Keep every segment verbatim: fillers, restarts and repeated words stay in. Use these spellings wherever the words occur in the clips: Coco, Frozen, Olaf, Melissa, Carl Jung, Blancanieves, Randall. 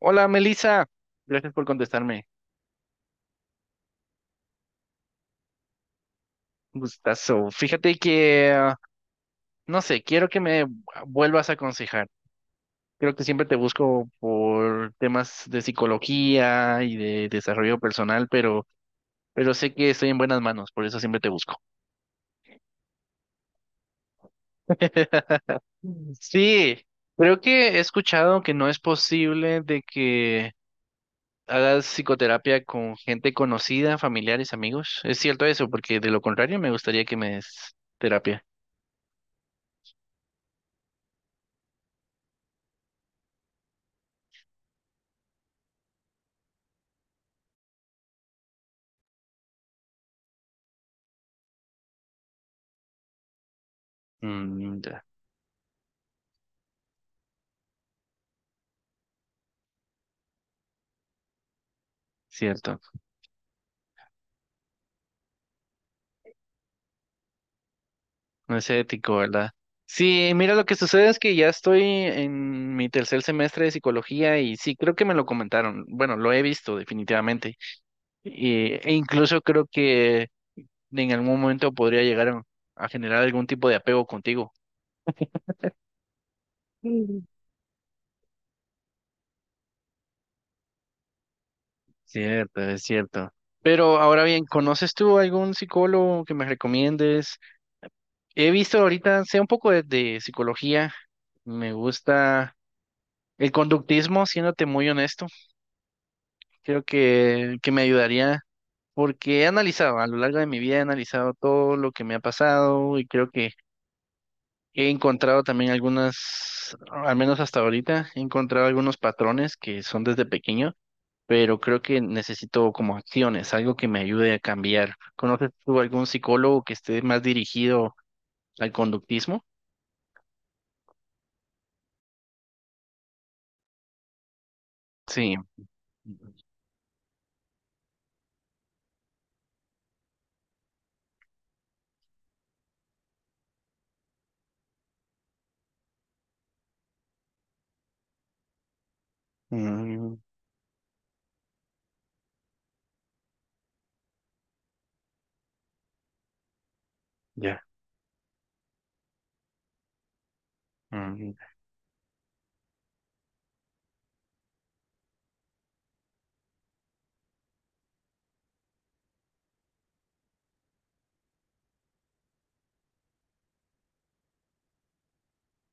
Hola, Melissa. Gracias por contestarme. Gustazo. Fíjate que, ah, no sé, quiero que me vuelvas a aconsejar. Creo que siempre te busco por temas de psicología y de desarrollo personal, pero, pero sé que estoy en buenas manos, por eso siempre te busco. Sí, creo que he escuchado que no es posible de que hagas psicoterapia con gente conocida, familiares, amigos. ¿Es cierto eso? Porque de lo contrario me gustaría que me des terapia. Mm, ya. Cierto, no es ético, ¿verdad? Sí, mira, lo que sucede es que ya estoy en mi tercer semestre de psicología y sí, creo que me lo comentaron. Bueno, lo he visto definitivamente. Y- e incluso creo que en algún momento podría llegar a a generar algún tipo de apego contigo. Mm. Cierto, es cierto. Pero ahora bien, ¿conoces tú algún psicólogo que me recomiendes? He visto ahorita, sé un poco de, de psicología. Me gusta el conductismo, siéndote muy honesto. Creo que, que me ayudaría porque he analizado, a lo largo de mi vida he analizado todo lo que me ha pasado y creo que he encontrado también algunas, al menos hasta ahorita, he encontrado algunos patrones que son desde pequeño, pero creo que necesito como acciones, algo que me ayude a cambiar. ¿Conoces tú algún psicólogo que esté más dirigido al conductismo? Sí. Mm, ya. Mm,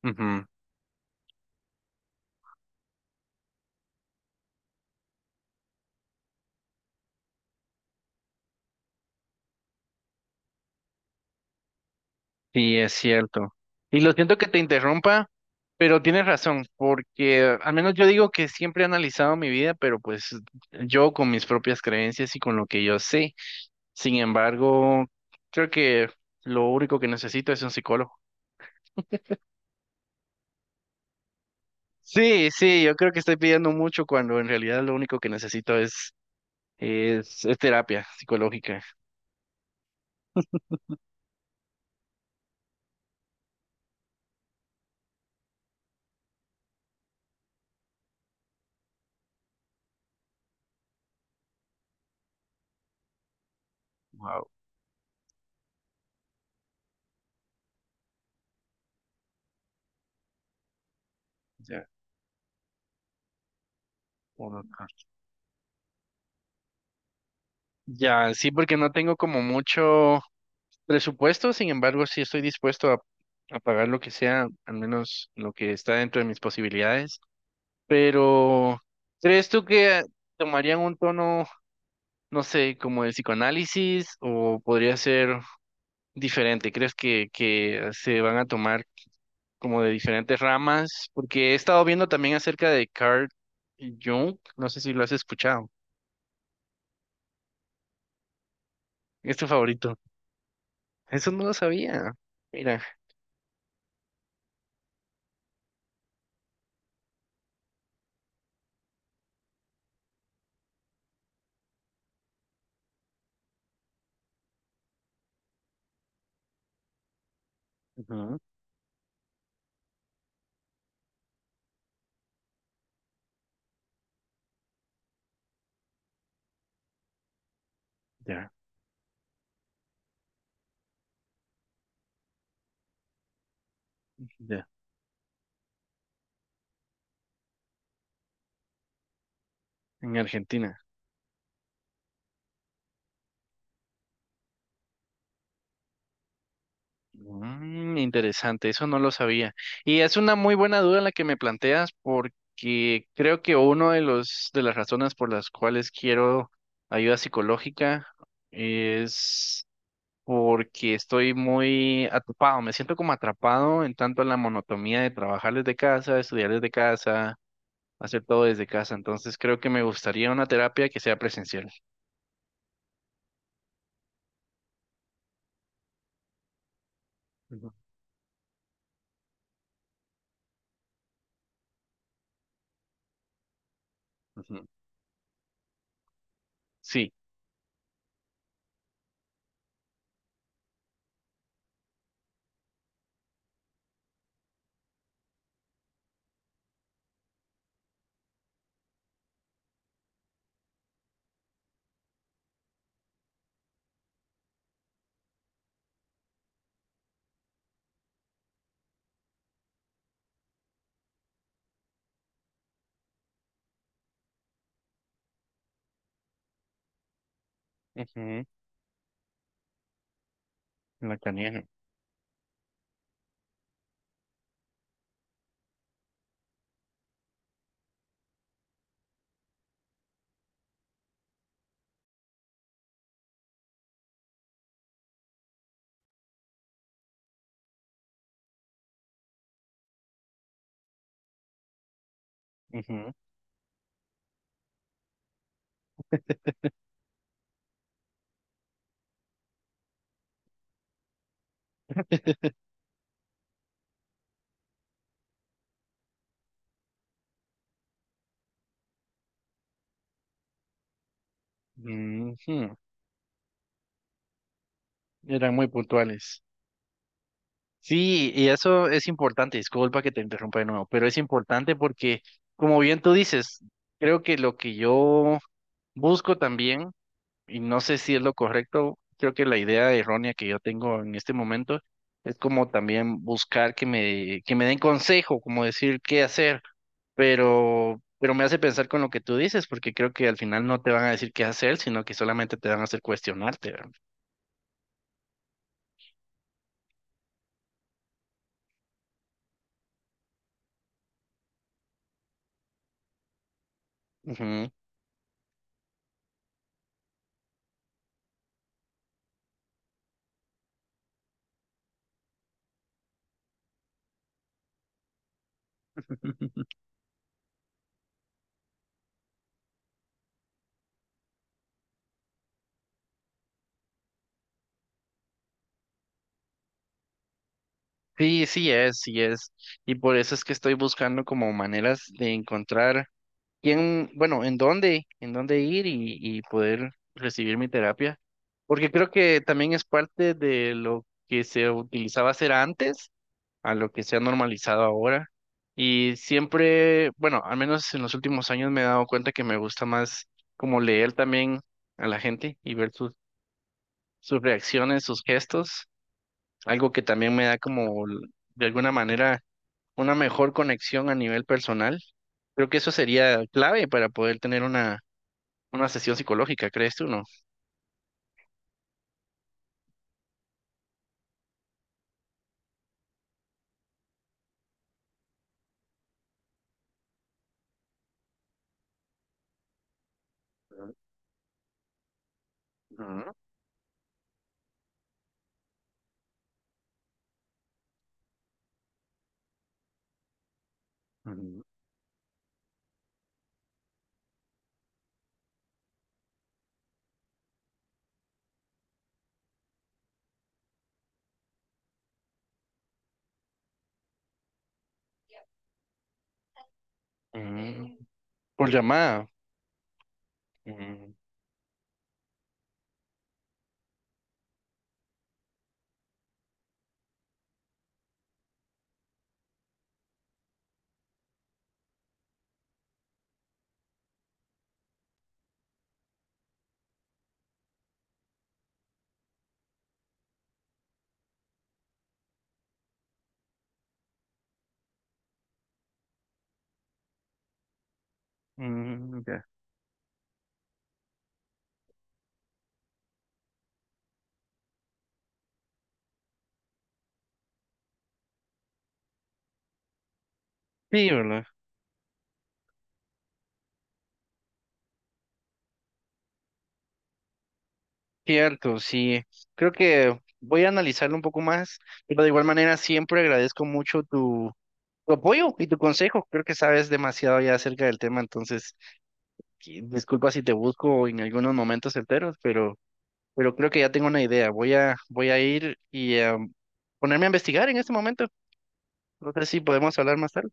ujú. Sí, es cierto. Y lo siento que te interrumpa, pero tienes razón, porque al menos yo digo que siempre he analizado mi vida, pero pues yo con mis propias creencias y con lo que yo sé. Sin embargo, creo que lo único que necesito es un psicólogo. Sí, sí, yo creo que estoy pidiendo mucho cuando en realidad lo único que necesito es, es, es terapia psicológica. Wow. Ya, uno- ya, sí, porque no tengo como mucho. Presupuesto, sin embargo, sí estoy dispuesto a, a pagar lo que sea, al menos lo que está dentro de mis posibilidades. Pero, ¿crees tú que tomarían un tono, no sé, como el psicoanálisis o podría ser diferente? ¿Crees que, que se van a tomar como de diferentes ramas? Porque he estado viendo también acerca de Carl Jung, no sé si lo has escuchado, es tu favorito. Eso no lo sabía. Mira, ujú, ya, ya, en Argentina. Mm, interesante, eso no lo sabía. Y es una muy buena duda la que me planteas porque creo que uno de los de las razones por las cuales quiero ayuda psicológica es porque estoy muy atrapado, me siento como atrapado en tanto en la monotonía de trabajar desde casa, estudiar desde casa, hacer todo desde casa. Entonces creo que me gustaría una terapia que sea presencial. Ujú, ujú. Sí. Ujú, la canija. Eran muy puntuales. Sí, y eso es importante, disculpa que te interrumpa de nuevo, pero es importante porque, como bien tú dices, creo que lo que yo busco también, y no sé si es lo correcto, creo que la idea errónea que yo tengo en este momento es como también buscar que me, que me den consejo, como decir qué hacer, pero, pero me hace pensar con lo que tú dices, porque creo que al final no te van a decir qué hacer, sino que solamente te van a hacer cuestionarte, ¿verdad? Ujú. Sí, sí es, sí es. Y por eso es que estoy buscando como maneras de encontrar quién, bueno, en dónde, en dónde ir y, y poder recibir mi terapia. Porque creo que también es parte de lo que se utilizaba hacer antes a lo que se ha normalizado ahora. Y siempre, bueno, al menos en los últimos años me he dado cuenta que me gusta más como leer también a la gente y ver sus, sus reacciones, sus gestos, algo que también me da como de alguna manera una mejor conexión a nivel personal. Creo que eso sería clave para poder tener una, una sesión psicológica, ¿crees tú, no? Ujú, ujú, ujú. Por llamada. Ujú, ujú, ya. Sí, ¿verdad? Cierto, sí. Creo que voy a analizarlo un poco más, pero de igual manera siempre agradezco mucho tu, tu apoyo y tu consejo. Creo que sabes demasiado ya acerca del tema, entonces, que- disculpa si te busco en algunos momentos enteros, pero... pero creo que ya tengo una idea. Voy a, voy a ir y em, ponerme a investigar en este momento. No sé si podemos hablar más tarde.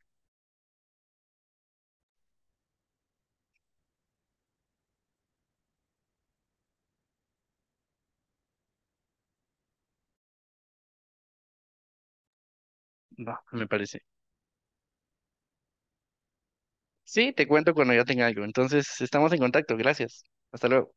No, me parece. Sí, te cuento cuando ya tenga algo. Entonces, estamos en contacto. Gracias. Hasta luego.